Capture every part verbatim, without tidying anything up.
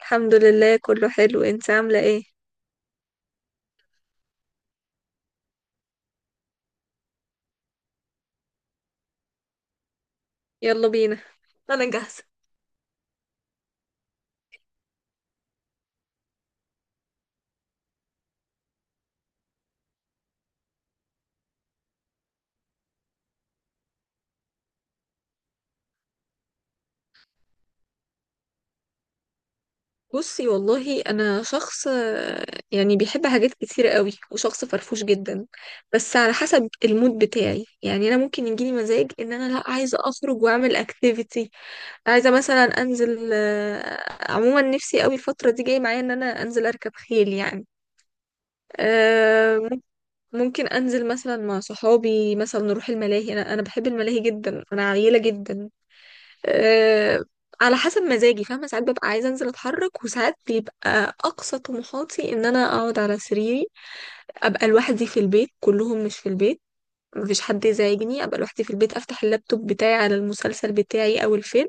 الحمد لله كله حلو. انت عاملة ايه؟ يلا بينا. انا جاهزة. بصي والله انا شخص آه، يعني بيحب حاجات كتير قوي وشخص فرفوش جدا. بس على حسب المود بتاعي، يعني انا ممكن يجيلي مزاج ان انا لا عايزة اخرج واعمل اكتيفيتي، عايزة مثلا انزل. آه، عموما نفسي قوي الفترة دي جاي معايا ان انا انزل اركب خيل يعني. آه، مم- ممكن انزل مثلا مع صحابي، مثلا نروح الملاهي. انا انا بحب الملاهي جدا، انا عيلة جدا. أه، على حسب مزاجي، فاهمة؟ ساعات ببقى عايزة انزل اتحرك، وساعات بيبقى اقصى طموحاتي ان انا اقعد على سريري، ابقى لوحدي في البيت، كلهم مش في البيت، مفيش حد يزعجني، ابقى لوحدي في البيت، افتح اللابتوب بتاعي على المسلسل بتاعي او الفيلم،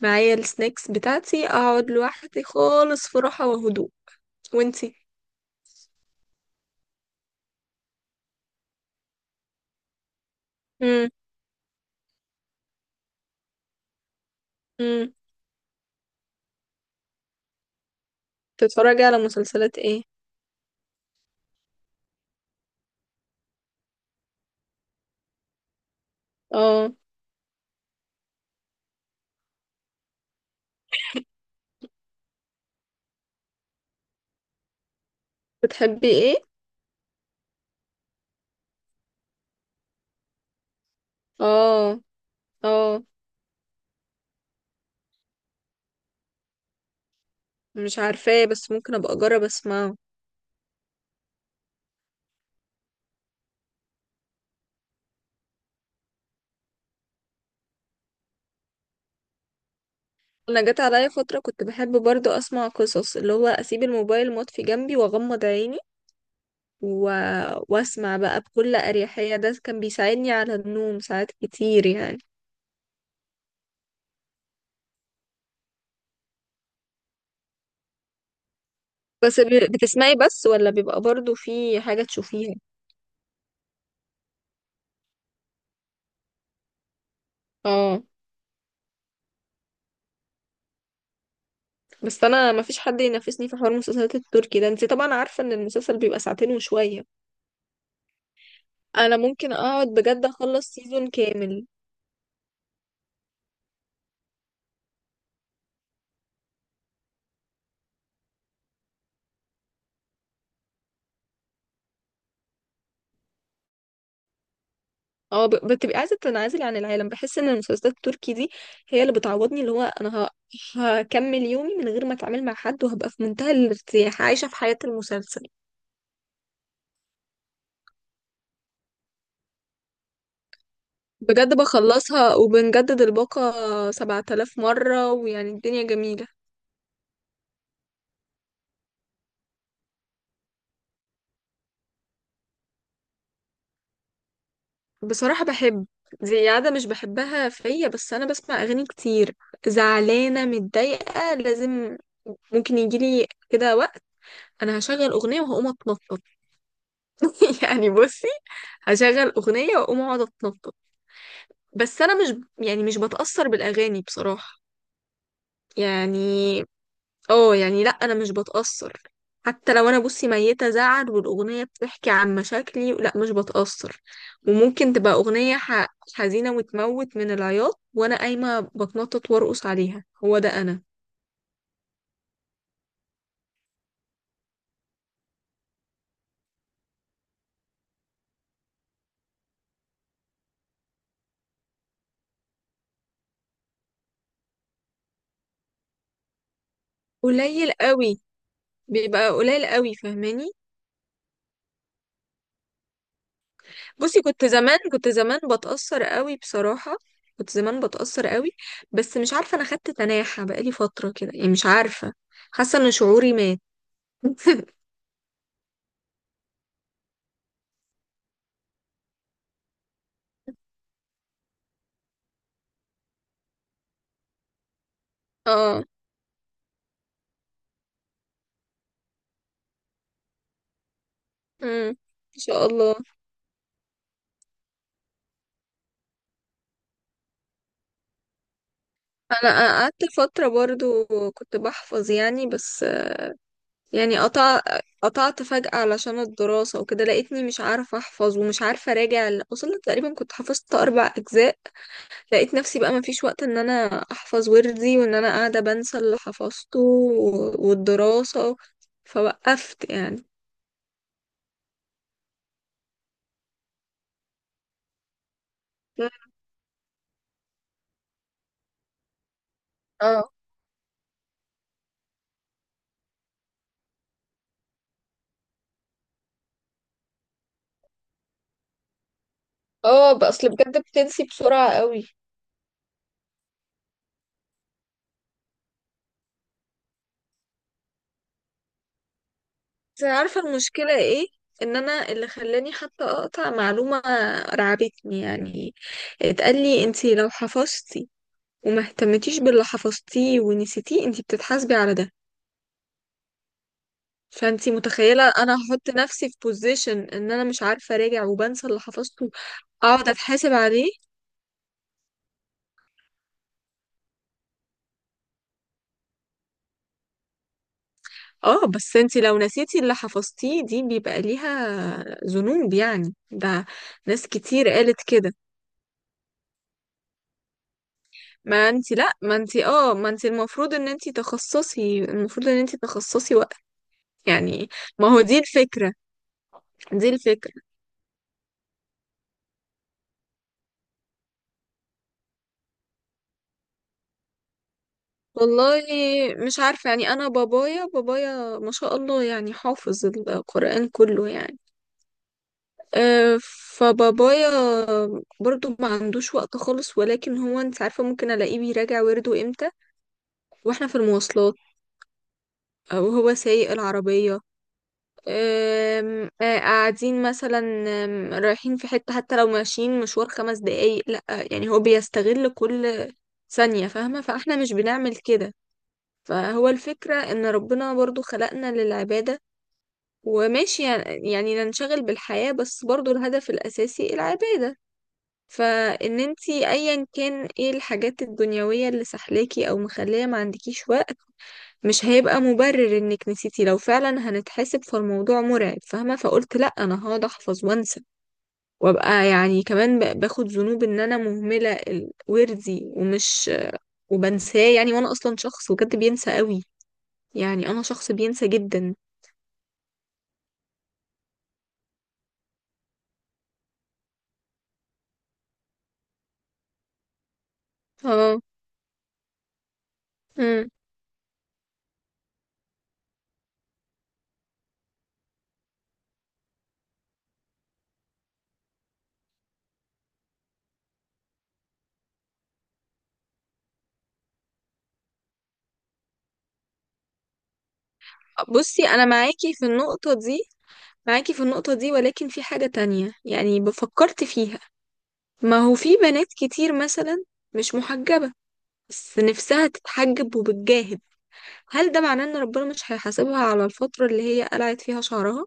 معايا السناكس بتاعتي، اقعد لوحدي خالص في راحة وهدوء. وانتي؟ امم امم بتتفرجي على مسلسلات ايه؟ اه. بتحبي ايه؟ اه. اه. مش عارفاه بس ممكن ابقى اجرب اسمعه. انا جت عليا فتره كنت بحب برضو اسمع قصص، اللي هو اسيب الموبايل مطفي جنبي واغمض عيني و... واسمع بقى بكل اريحيه. ده كان بيساعدني على النوم ساعات كتير يعني. بس ب... بتسمعي بس، ولا بيبقى برضو في حاجه تشوفيها؟ اه. بس انا ما فيش حد ينافسني في حوار المسلسلات التركي ده. انت طبعا عارفه ان المسلسل بيبقى ساعتين وشويه. انا ممكن اقعد بجد اخلص سيزون كامل. اه، ب- بتبقي عايزه تنعزلي عن العالم. بحس ان المسلسلات التركي دي هي اللي بتعوضني. اللي هو انا ه- هكمل يومي من غير ما اتعامل مع حد، وهبقى في منتهى الارتياح عايشه في حياه المسلسل. بجد بخلصها وبنجدد الباقه سبعة آلاف مره، ويعني الدنيا جميله. بصراحه بحب. دي عادة مش بحبها فيا، بس انا بسمع اغاني كتير. زعلانه، متضايقه، لازم. ممكن يجيلي كده وقت انا هشغل اغنيه وهقوم اتنطط. يعني بصي، هشغل أغنية وأقوم أقعد أتنطط. بس أنا مش، يعني مش بتأثر بالأغاني بصراحة. يعني اه، يعني لأ، أنا مش بتأثر. حتى لو أنا بصي ميتة زعل والأغنية بتحكي عن مشاكلي، لأ مش بتأثر. وممكن تبقى أغنية ح- حزينة وتموت من العياط، وأنا قايمة بتنطط وأرقص عليها. هو ده أنا. قليل قوي. بيبقى قليل قوي، فاهماني؟ بصي كنت زمان كنت زمان بتأثر قوي بصراحة. كنت زمان بتأثر قوي. بس مش عارفة، انا خدت تناحة بقالي فترة كده، يعني مش عارفة، حاسة ان شعوري مات. اه. امم. ان شاء الله. انا قعدت فترة برضو كنت بحفظ يعني، بس يعني قطع، قطعت فجأة علشان الدراسة وكده. لقيتني مش عارفة احفظ ومش عارفة اراجع ال- وصلت تقريبا كنت حفظت اربع اجزاء. لقيت نفسي بقى مفيش وقت ان انا احفظ وردي، وان انا قاعدة بنسى اللي حفظته و- والدراسة، فوقفت يعني. اه. اه بقى، اصل بجد بتنسي بسرعة قوي. بس عارفة المشكلة ايه؟ ان انا اللي خلاني حتى اقطع معلومة، رعبتني يعني. اتقال لي انتي لو حفظتي وما اهتمتيش باللي حفظتيه ونسيتيه، انتي بتتحاسبي على ده. فانتي متخيلة انا هحط نفسي في بوزيشن ان انا مش عارفة اراجع وبنسى اللي حفظته، اقعد اتحاسب عليه؟ اه بس انتي لو نسيتي اللي حفظتيه دي بيبقى ليها ذنوب يعني ده. ناس كتير قالت كده. ما انتي لا، ما انتي اه، ما انتي المفروض ان انتي تخصصي، المفروض ان انتي تخصصي وقت يعني. ما هو دي الفكرة، دي الفكرة. والله مش عارفة يعني. انا بابايا، بابايا ما شاء الله يعني حافظ القرآن كله يعني. آه، فبابايا برضو ما عندوش وقت خالص، ولكن هو، انت عارفة، ممكن الاقيه بيراجع ورده امتى؟ واحنا في المواصلات، او هو سايق العربية، آم، آه، قاعدين مثلا، آم، رايحين في حتة. حتى لو ماشيين مشوار خمس دقايق، لا يعني هو بيستغل كل ثانية، فاهمة؟ فاحنا مش بنعمل كده. فهو الفكرة ان ربنا برضو خلقنا للعبادة. وماشي يعني يعني ننشغل بالحياة، بس برضو الهدف الأساسي العبادة. فان انتي ايا كان ايه الحاجات الدنيوية اللي سحلاكي او مخلية ما عندكيش وقت، مش هيبقى مبرر انك نسيتي. لو فعلا هنتحسب، فالموضوع مرعب، فاهمة؟ فقلت لا، انا هقعد احفظ وانسى وابقى يعني كمان ب- باخد ذنوب ان انا مهملة ال- وردي ومش، وبنساه يعني. وانا اصلا شخص بجد بينسى قوي، يعني انا شخص بينسى جدا. اه. امم. بصي انا معاكي في النقطة دي، معاكي في النقطة دي، ولكن في حاجة تانية يعني بفكرت فيها. ما هو في بنات كتير مثلا مش محجبة بس نفسها تتحجب وبتجاهد، هل ده معناه ان ربنا مش هيحاسبها على الفترة اللي هي قلعت فيها شعرها؟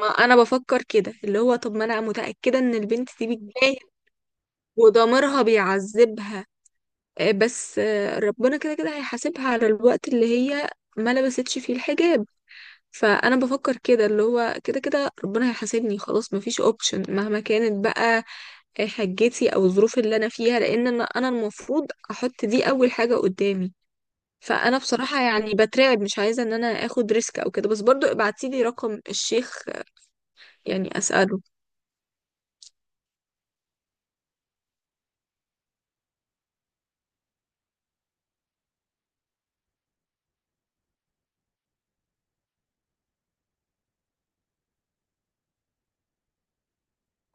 ما انا بفكر كده، اللي هو طب ما انا متأكدة ان البنت دي بتجاهد وضميرها بيعذبها، آه، بس آه، ربنا كده كده هيحاسبها على الوقت اللي هي ما لبستش فيه الحجاب. فانا بفكر كده، اللي هو كده كده ربنا هيحاسبني، خلاص مفيش اوبشن مهما كانت بقى حاجتي او الظروف اللي انا فيها، لان انا أنا المفروض احط دي اول حاجه قدامي. فانا بصراحه يعني بترعب، مش عايزه ان انا اخد ريسك او كده، بس برضو ابعتي لي رقم الشيخ يعني اساله.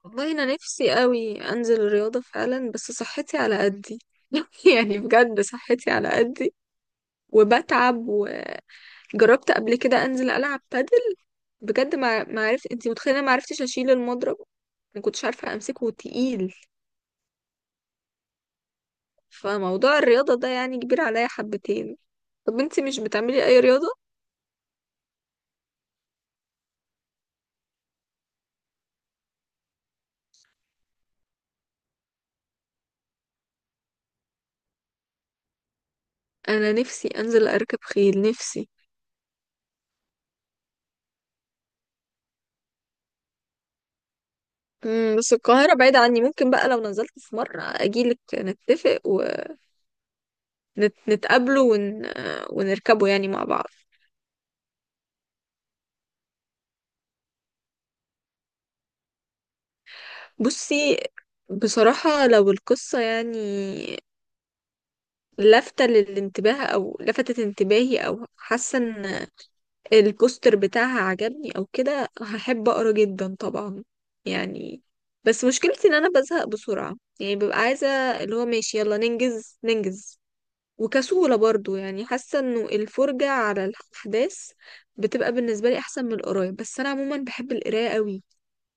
والله انا نفسي قوي انزل الرياضه فعلا، بس صحتي على قدي. يعني بجد صحتي على قدي، وبتعب. وجربت قبل كده انزل العب بادل، بجد ما ما عرفت، انت متخيله ما عرفتش اشيل المضرب، ما كنتش عارفه امسكه، تقيل. فموضوع الرياضه ده يعني كبير عليا حبتين. طب انتي مش بتعملي اي رياضة؟ انا نفسي انزل اركب خيل، نفسي. مم، بس القاهرة بعيدة عني. ممكن بقى لو نزلت في مرة اجيلك، نتفق ونتقابله ون... ونركبه يعني مع بعض. بصي بصراحة لو القصة يعني لافتة للانتباه، او لفتت انتباهي، او حاسة ان البوستر بتاعها عجبني او كده، هحب اقرا جدا طبعا يعني. بس مشكلتي ان انا بزهق بسرعة، يعني ببقى عايزة اللي هو ماشي يلا ننجز ننجز. وكسولة برضو، يعني حاسة انه الفرجة على الاحداث بتبقى بالنسبة لي احسن من القراية. بس انا عموما بحب القراية قوي،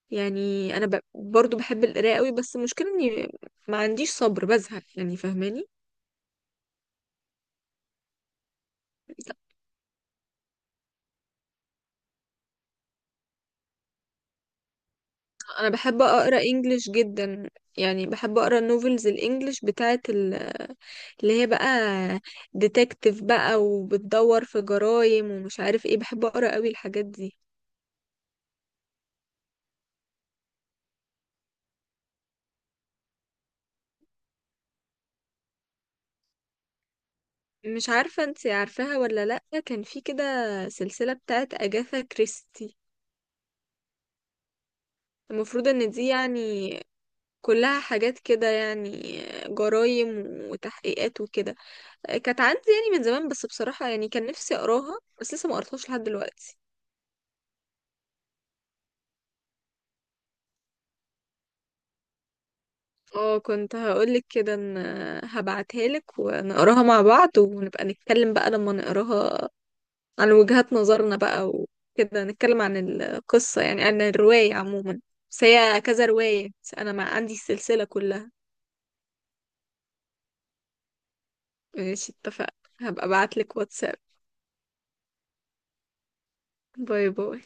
يعني انا ب... برضو بحب القراية قوي، بس المشكلة اني ما عنديش صبر، بزهق يعني، فاهماني؟ انا بحب اقرا انجليش جدا، يعني بحب اقرا النوفلز الانجليش بتاعت ال... اللي هي بقى ديتكتيف بقى، وبتدور في جرايم ومش عارف ايه. بحب اقرا قوي الحاجات دي. مش عارفة انت عارفاها ولا لأ، كان في كده سلسلة بتاعت أجاثا كريستي. المفروض ان دي يعني كلها حاجات كده يعني، جرايم وتحقيقات وكده. كانت عندي يعني من زمان، بس بصراحة يعني كان نفسي اقراها بس لسه ما قرتهاش لحد دلوقتي. اه كنت هقولك كده، ان هبعتها لك ونقراها مع بعض، ونبقى نتكلم بقى لما نقراها عن وجهات نظرنا بقى وكده، نتكلم عن القصة يعني، عن الرواية عموما. بس هي كذا رواية، بس أنا مع عندي السلسلة كلها. ماشي، اتفق. هبقى ابعتلك واتساب. باي باي.